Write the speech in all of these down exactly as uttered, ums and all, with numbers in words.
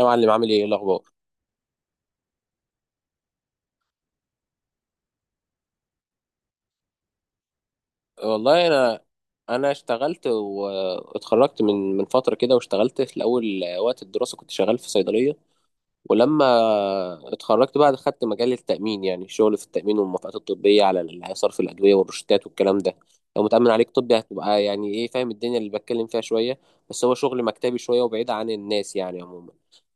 يا معلم عامل ايه إيه الاخبار؟ والله انا انا اشتغلت واتخرجت من من فتره كده واشتغلت في الاول وقت الدراسه كنت شغال في صيدليه، ولما اتخرجت بقى خدت مجال التأمين، يعني شغل في التأمين والموافقات الطبية على ال- صرف الأدوية والروشتات والكلام ده. لو متأمن عليك طبي هتبقى يعني إيه، فاهم الدنيا اللي بتكلم فيها شوية. بس هو شغل مكتبي شوية وبعيد عن الناس يعني عموما.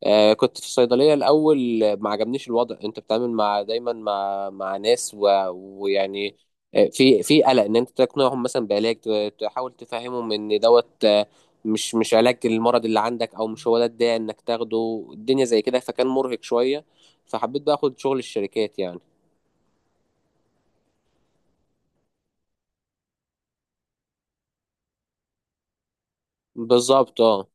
آه كنت في الصيدلية الأول، آه، ما عجبنيش الوضع، أنت بتتعامل مع دايما مع مع ناس و... ويعني آه، في في قلق ان انت تقنعهم مثلا بعلاج، ت- تحاول تفهمهم ان دوت مش مش علاج المرض اللي عندك، او مش هو ده الداعي انك تاخده، الدنيا زي كده فكان مرهق شوية، فحبيت بقى اخد شغل الشركات يعني. بالظبط اه.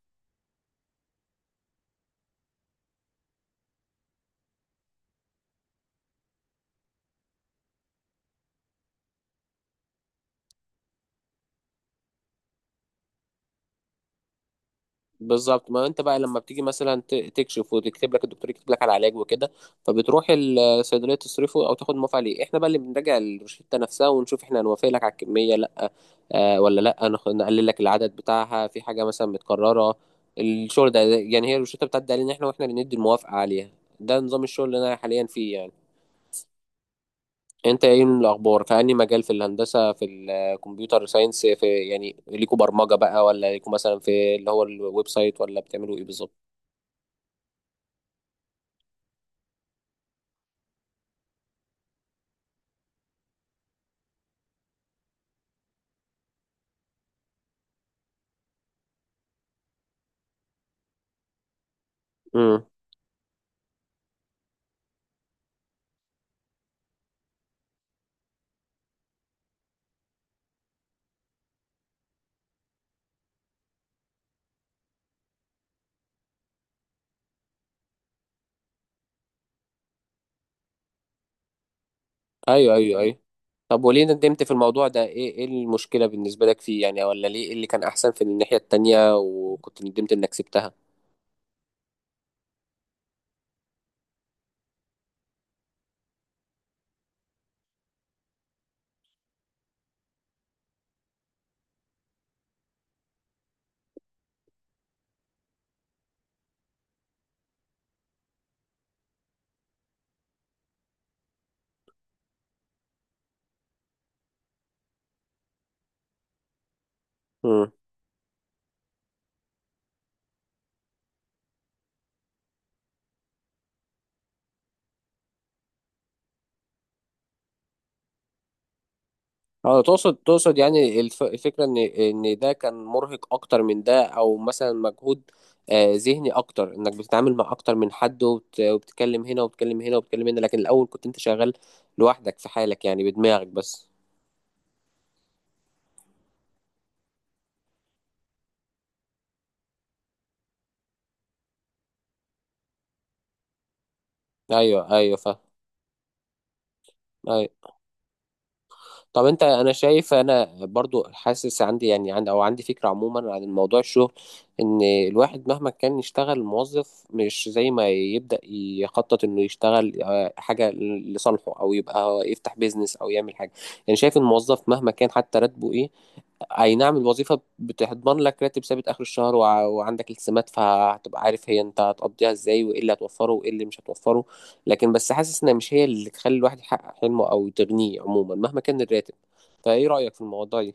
بالظبط ما انت بقى لما بتيجي مثلا ت- تكشف وتكتب لك الدكتور، يكتب لك على علاج وكده، فبتروح الصيدليه تصرفه او تاخد موافقه عليه. احنا بقى اللي بنراجع الروشته نفسها، ونشوف احنا هنوافق لك على الكميه لا آه، ولا لا نخ- نقلل لك العدد بتاعها في حاجه مثلا متكرره. الشغل ده يعني، هي الروشته بتعدي علينا احنا، واحنا اللي ندي الموافقه عليها. ده نظام الشغل اللي انا حاليا فيه يعني. انت ايه من الاخبار؟ في انهي مجال؟ في الهندسه، في الكمبيوتر ساينس، في يعني ليكوا برمجه بقى، ولا ليكوا مثلا في اللي هو الويب سايت، ولا بتعملوا ايه بالظبط؟ امم. ايوه ايوه ايوه. طب وليه ندمت في الموضوع ده؟ ايه ايه المشكله بالنسبه لك فيه يعني؟ ولا ليه، ايه اللي كان احسن في الناحيه التانية وكنت ندمت انك سبتها؟ اه، تقصد تقصد يعني الف- الفكرة ان ان ده كان مرهق اكتر من ده، او مثلا مجهود آه، ذهني اكتر، انك بتتعامل مع اكتر من حد، وبت- وبتتكلم هنا وبتتكلم هنا وبتتكلم هنا، لكن الاول كنت انت شغال لوحدك في حالك يعني، بدماغك بس. ايوه ايوه فاهم. أيوه. طب انت، انا شايف، انا برضو حاسس عندي يعني، عندي او عندي فكرة عموما عن الموضوع، الشغل ان الواحد مهما كان يشتغل موظف، مش زي ما يبدأ يخطط انه يشتغل آه، حاجة لصالحه، او يبقى يفتح بيزنس، او يعمل حاجة. يعني شايف الموظف مهما كان حتى راتبه ايه، اي نعم الوظيفة بتضمن لك راتب ثابت اخر الشهر، وع وعندك التزامات، فهتبقى عارف هي انت هتقضيها ازاي، وايه اللي هتوفره وايه اللي مش هتوفره. لكن بس حاسس انها مش هي اللي تخلي الواحد يحقق حلمه، او تغنيه عموما مهما كان الراتب. فايه رأيك في الموضوع ده؟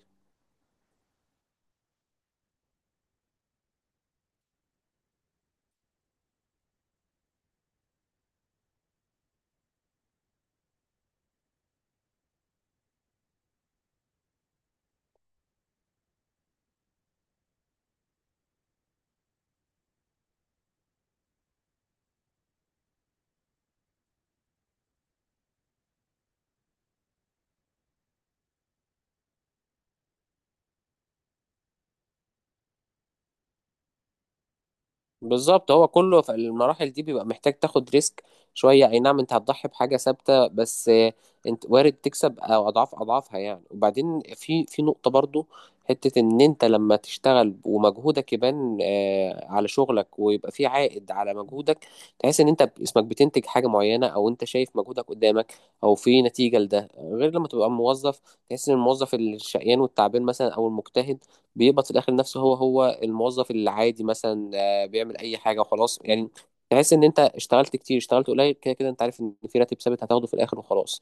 بالظبط، هو كله في المراحل دي بيبقى محتاج تاخد ريسك شوية. اي نعم انت هتضحي بحاجة ثابتة، بس آه، انت وارد تكسب او اضعاف اضعافها يعني. وبعدين في في نقطة برضو، حتة ان انت لما تشتغل ومجهودك يبان آه، على شغلك، ويبقى في عائد على مجهودك، تحس ان انت اسمك بتنتج حاجة معينة، او انت شايف مجهودك قدامك، او في نتيجة لده، غير لما تبقى موظف. تحس ان الموظف الشقيان والتعبان مثلا او المجتهد، بيقبض في الاخر نفسه هو هو الموظف العادي مثلا، ولا بيعمل اي حاجه وخلاص يعني. تحس ان انت اشتغلت كتير اشتغلت قليل، كده كده انت عارف ان في راتب ثابت هتاخده في الاخر وخلاص.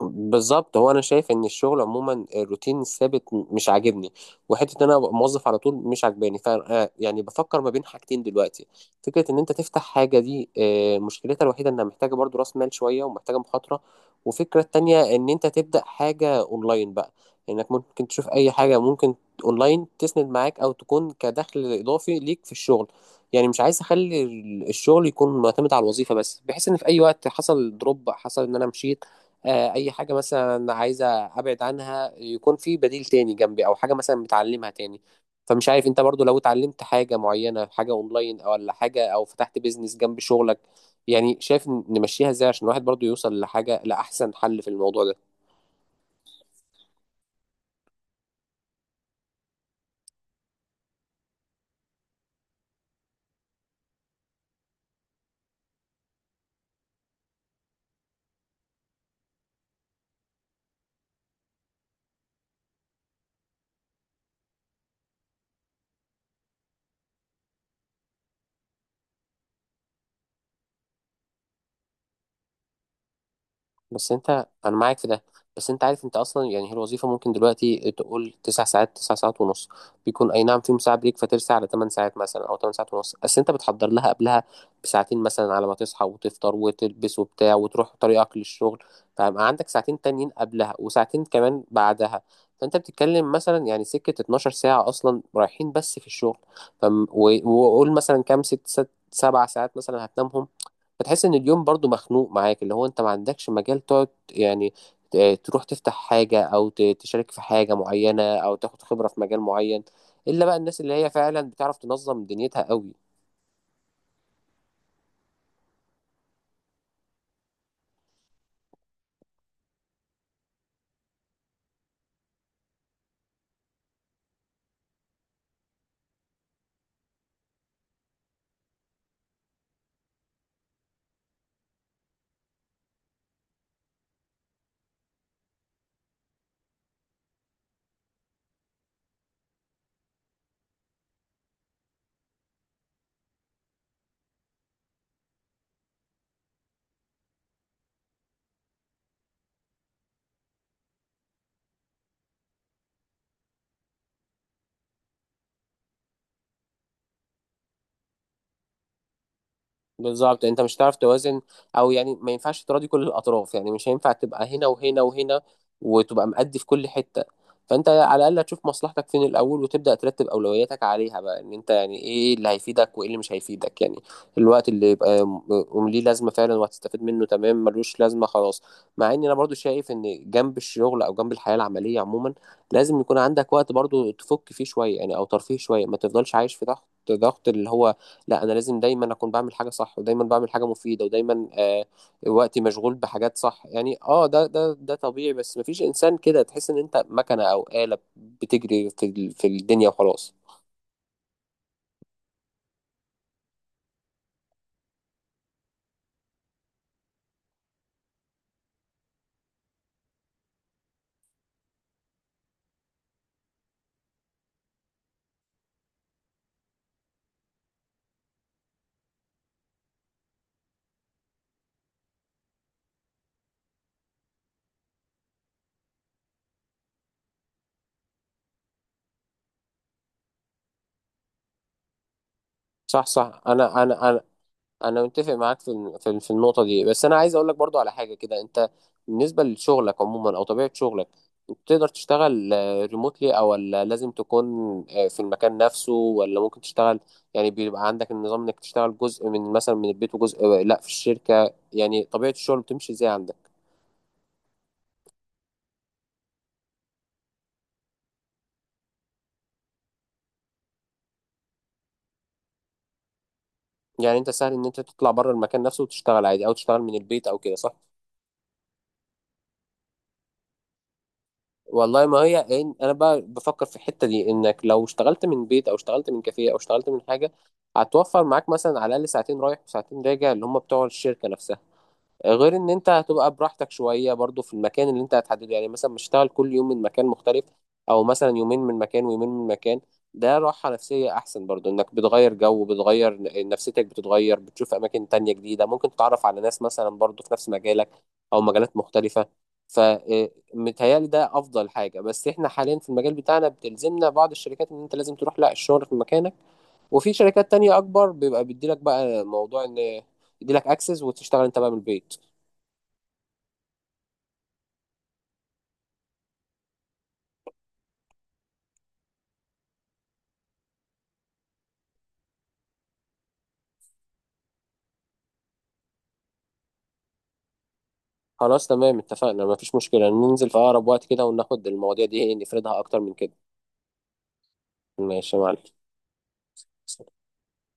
بالظبط، هو انا شايف ان الشغل عموما الروتين الثابت م- مش عاجبني. وحته ان انا ابقى موظف على طول مش عاجباني، ف آه، يعني بفكر ما بين حاجتين دلوقتي. فكره ان انت تفتح حاجه، دي آه، مشكلتها الوحيده انها محتاجه برضو راس مال شويه، ومحتاجه مخاطره. وفكره التانية ان انت تبدا حاجه اونلاين بقى، انك ممكن تشوف اي حاجه ممكن اونلاين تسند معاك، او تكون كدخل اضافي ليك في الشغل. يعني مش عايز اخلي ال- الشغل يكون معتمد على الوظيفه بس، بحيث ان في اي وقت حصل دروب، حصل ان انا مشيت آه، اي حاجه مثلا عايزه ابعد عنها، يكون في بديل تاني جنبي، او حاجه مثلا بتعلمها تاني. فمش عارف انت برضو، لو اتعلمت حاجه معينه، حاجه اونلاين او ولا حاجه، او فتحت بيزنس جنب شغلك. يعني شايف نمشيها ازاي عشان الواحد برضو يوصل لحاجه، لاحسن حل في الموضوع ده؟ بس انت، انا معاك في ده. بس انت عارف انت اصلا، يعني هي الوظيفه ممكن دلوقتي تقول تسع ساعات، تسع ساعات ونص، بيكون اي نعم فيهم ساعه بريك، فترسى على ثمان ساعات مثلا او ثمان ساعات ونص. بس انت بتحضر لها قبلها بساعتين مثلا، على ما تصحى وتفطر وتلبس وبتاع وتروح طريقك للشغل، فيبقى عندك ساعتين تانيين قبلها وساعتين كمان بعدها. فانت بتتكلم مثلا يعني سكه اتناشر ساعه اصلا رايحين بس في الشغل. فم... و- وقول مثلا كام، ست ست سبع ساعات مثلا هتنامهم. بتحس ان اليوم برضو مخنوق معاك، اللي هو انت ما عندكش مجال تقعد يعني آه، تروح تفتح حاجة، او ت- تشارك في حاجة معينة، او تاخد خبرة في مجال معين، الا بقى الناس اللي هي فعلا بتعرف تنظم دنيتها قوي. بالظبط، يعني انت مش هتعرف توازن. او يعني ما ينفعش تراضي كل الاطراف، يعني مش هينفع تبقى هنا وهنا وهنا وتبقى مأدي في كل حتة. فانت على الاقل هتشوف مصلحتك فين الاول، وتبدأ ترتب اولوياتك عليها بقى، ان انت يعني ايه اللي هيفيدك وايه اللي مش هيفيدك يعني. الوقت اللي يبقى م- م- ليه لازمة فعلا وهتستفيد منه تمام، ملوش لازمة خلاص. مع ان انا برضو شايف ان جنب الشغل او جنب الحياة العملية عموما، لازم يكون عندك وقت برضو تفك فيه شوية يعني، او ترفيه شوية، ما تفضلش عايش في ضغط. ضغط اللي هو، لا انا لازم دايما اكون بعمل حاجه صح، ودايما بعمل حاجه مفيده، ودايما آه وقتي مشغول بحاجات صح يعني، اه ده ده ده طبيعي، بس مفيش انسان كده، تحس ان انت مكنه او آلة بتجري في ال- في الدنيا وخلاص. صح صح، انا انا انا انا متفق معاك في الم- في في النقطه دي. بس انا عايز اقول لك برضو على حاجه كده، انت بالنسبه لشغلك عموما او طبيعه شغلك، انت تقدر تشتغل ريموتلي او ولا لازم تكون آه، في المكان نفسه؟ ولا ممكن تشتغل، يعني بيبقى عندك النظام انك تشتغل جزء من مثلا من البيت وجزء آه، لا في الشركه؟ يعني طبيعه الشغل بتمشي ازاي عندك؟ يعني انت سهل ان انت تطلع بره المكان نفسه وتشتغل عادي، او تشتغل من البيت او كده، صح؟ والله ما هي إن- انا بقى بفكر في الحته دي، انك لو اشتغلت من بيت، او اشتغلت من كافيه، او اشتغلت من حاجه، هتوفر معاك مثلا على الاقل ساعتين رايح وساعتين راجع اللي هم بتوع الشركه نفسها. غير ان انت هتبقى براحتك شويه برضو في المكان اللي انت هتحدده، يعني مثلا مش هشتغل كل يوم من مكان مختلف، او مثلا يومين من مكان ويومين من مكان. ده راحه نفسيه احسن برضو، انك بتغير جو، بتغير نفسيتك، بتتغير بتشوف اماكن تانية جديده، ممكن تتعرف على ناس مثلا برضو في نفس مجالك او مجالات مختلفه. فمتهيألي ده افضل حاجه. بس احنا حاليا في المجال بتاعنا بتلزمنا بعض الشركات ان انت لازم تروح لا الشغل في مكانك. وفي شركات تانية اكبر بيبقى بيديلك بقى موضوع ان يديلك اكسس وتشتغل انت بقى من البيت. خلاص تمام، اتفقنا، مفيش مشكلة، ننزل في أقرب وقت كده وناخد المواضيع دي إيه، نفردها أكتر من كده. ماشي يا معلم.